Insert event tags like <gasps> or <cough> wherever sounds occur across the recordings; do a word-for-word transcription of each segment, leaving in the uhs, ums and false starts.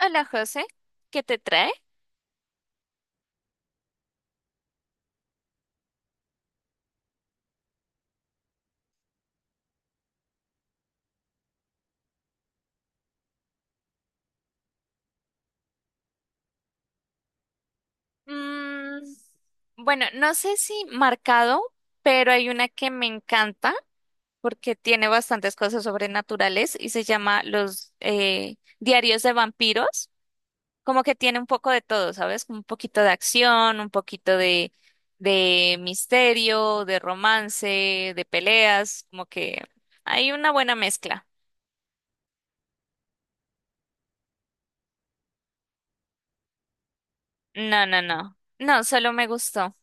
Hola José, ¿qué te trae? Mm, bueno, no sé si marcado, pero hay una que me encanta porque tiene bastantes cosas sobrenaturales y se llama Los eh, Diarios de Vampiros. Como que tiene un poco de todo, ¿sabes? Un poquito de acción, un poquito de, de misterio, de romance, de peleas, como que hay una buena mezcla. No, no, no. No, solo me gustó.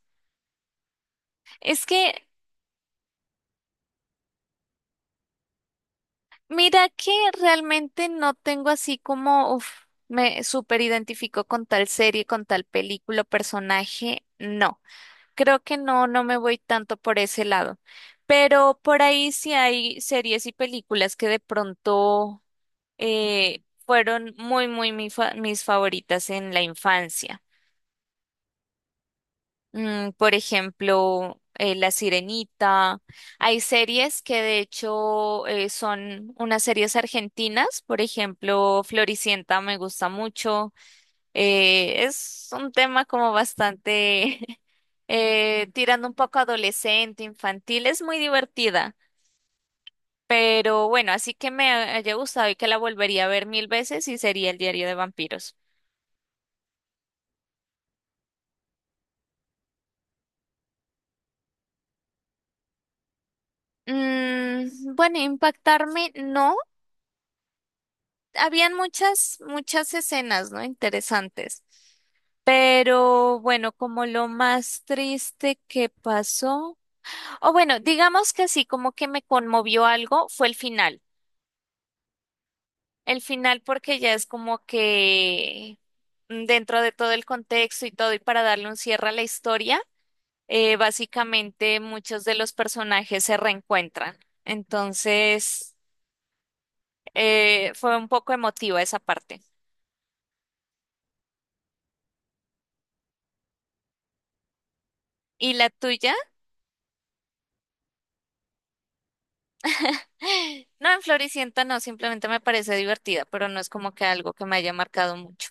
Es que mira que realmente no tengo así como, uf, me súper identifico con tal serie, con tal película, personaje. No, creo que no, no me voy tanto por ese lado. Pero por ahí sí hay series y películas que de pronto eh, fueron muy, muy mi fa- mis favoritas en la infancia. Mm, por ejemplo, eh, La Sirenita. Hay series que de hecho eh, son unas series argentinas. Por ejemplo, Floricienta me gusta mucho. Eh, es un tema como bastante <laughs> eh, tirando un poco adolescente, infantil. Es muy divertida. Pero bueno, así que me haya gustado y que la volvería a ver mil veces y sería El Diario de Vampiros. Mm, bueno, impactarme no. Habían muchas, muchas escenas, ¿no? Interesantes. Pero bueno, como lo más triste que pasó, o bueno, digamos que sí, como que me conmovió algo, fue el final. El final porque ya es como que mm, dentro de todo el contexto y todo, y para darle un cierre a la historia, eh, básicamente muchos de los personajes se reencuentran. Entonces, eh, fue un poco emotiva esa parte. ¿Y la tuya? <gasps> No, en Floricienta no, simplemente me parece divertida, pero no es como que algo que me haya marcado mucho.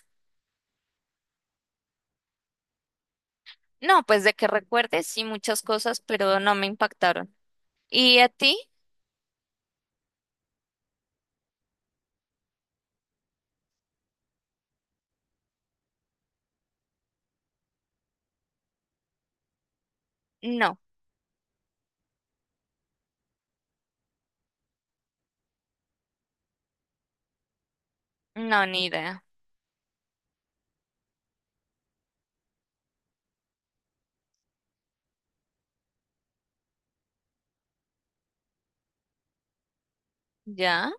No, pues de que recuerdes, sí, muchas cosas, pero no me impactaron. ¿Y a ti? No, no, ni idea. ¿Ya?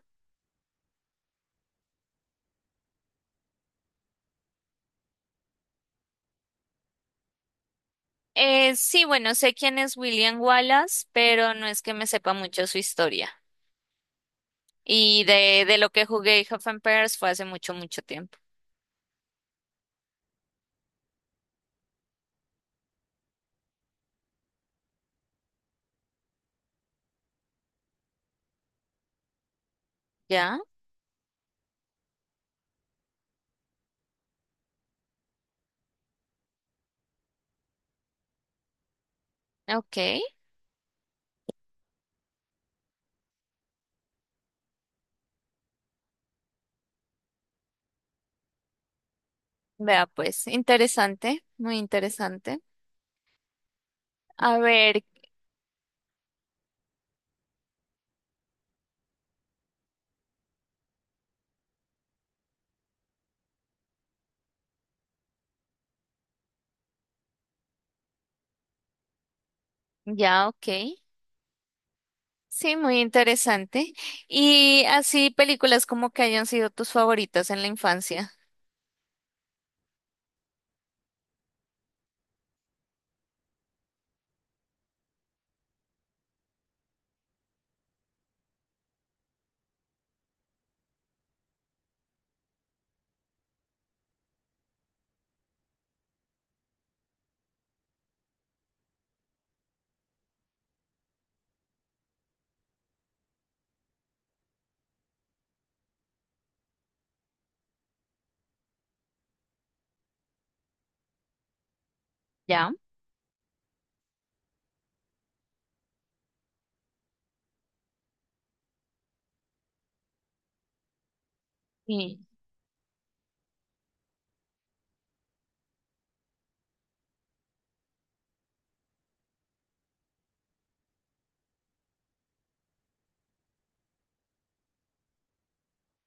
Eh, sí, bueno, sé quién es William Wallace, pero no es que me sepa mucho su historia. Y de, de lo que jugué Half and Pairs fue hace mucho, mucho tiempo. ¿Ya? Ok. Vea, pues, interesante, muy interesante. A ver, ya, ok. Sí, muy interesante. Y así películas como que hayan sido tus favoritas en la infancia. ¿Ya? Sí.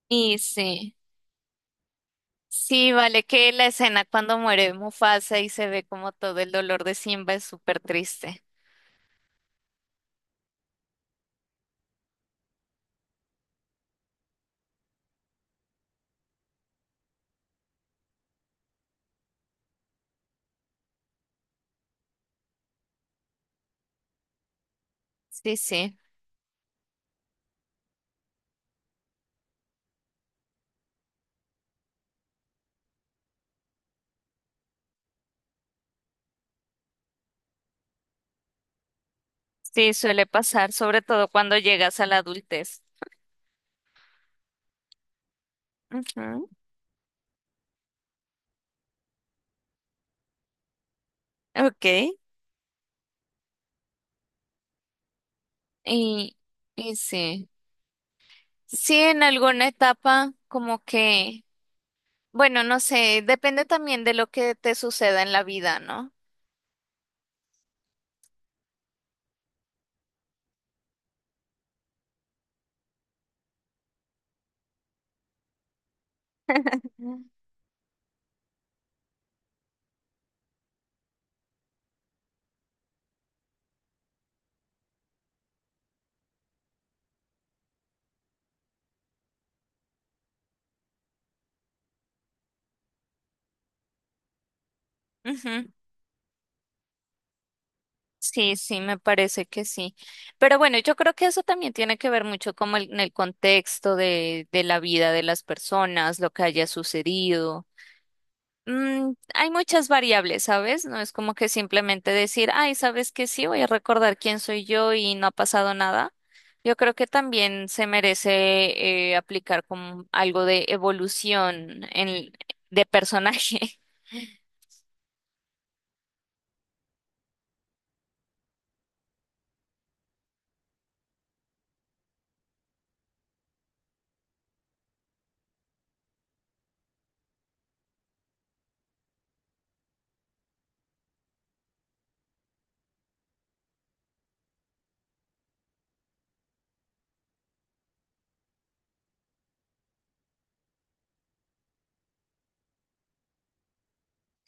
Y sí, sí, vale que la escena cuando muere Mufasa y se ve como todo el dolor de Simba es súper triste. Sí, sí, sí, suele pasar, sobre todo cuando llegas a la adultez. Ujú, ok. Y, y sí, sí, en alguna etapa como que, bueno, no sé, depende también de lo que te suceda en la vida, ¿no? Ujú. Sí, sí, me parece que sí. Pero bueno, yo creo que eso también tiene que ver mucho como el- en el contexto de, de la vida de las personas, lo que haya sucedido. Mm, hay muchas variables, ¿sabes? No es como que simplemente decir, ay, ¿sabes qué? Sí, voy a recordar quién soy yo y no ha pasado nada. Yo creo que también se merece eh, aplicar como algo de evolución en, de personaje.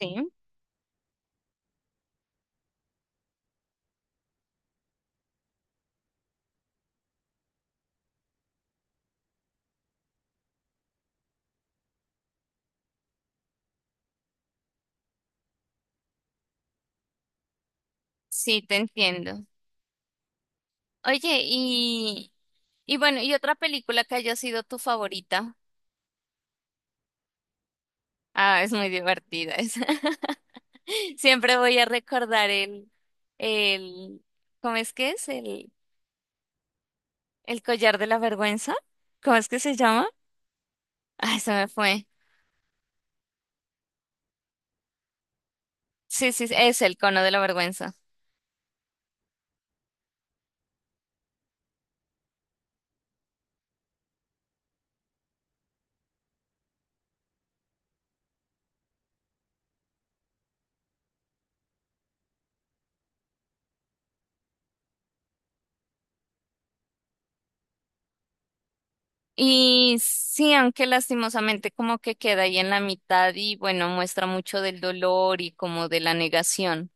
<laughs> Sí, sí, te entiendo. Oye, y, y bueno, ¿y otra película que haya sido tu favorita? Ah, es muy divertida esa. <laughs> Siempre voy a recordar el, el, ¿cómo es que es? El, el collar de la vergüenza. ¿Cómo es que se llama? Ah, se me fue. Sí, sí, es el cono de la vergüenza. Y sí, aunque lastimosamente como que queda ahí en la mitad y bueno, muestra mucho del dolor y como de la negación.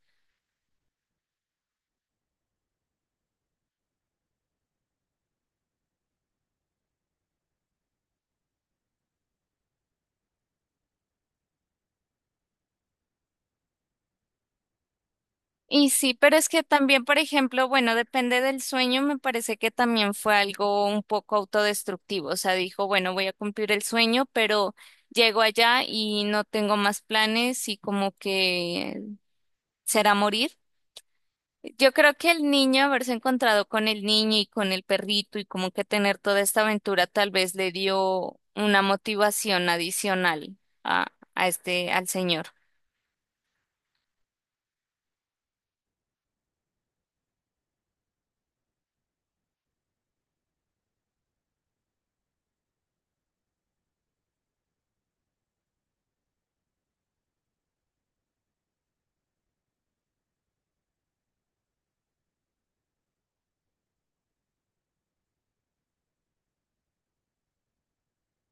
Y sí, pero es que también, por ejemplo, bueno, depende del sueño, me parece que también fue algo un poco autodestructivo, o sea, dijo, bueno, voy a cumplir el sueño, pero llego allá y no tengo más planes y como que será morir. Yo creo que el niño, haberse encontrado con el niño y con el perrito y como que tener toda esta aventura tal vez le dio una motivación adicional a, a este, al señor.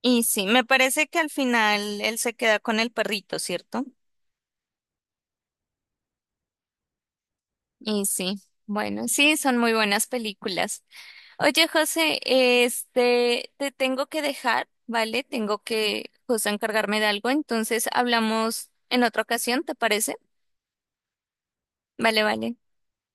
Y sí, me parece que al final él se queda con el perrito, ¿cierto? Y sí, bueno, sí, son muy buenas películas. Oye, José, este, te tengo que dejar, ¿vale? Tengo que justo encargarme de algo, entonces hablamos en otra ocasión, ¿te parece? Vale, vale.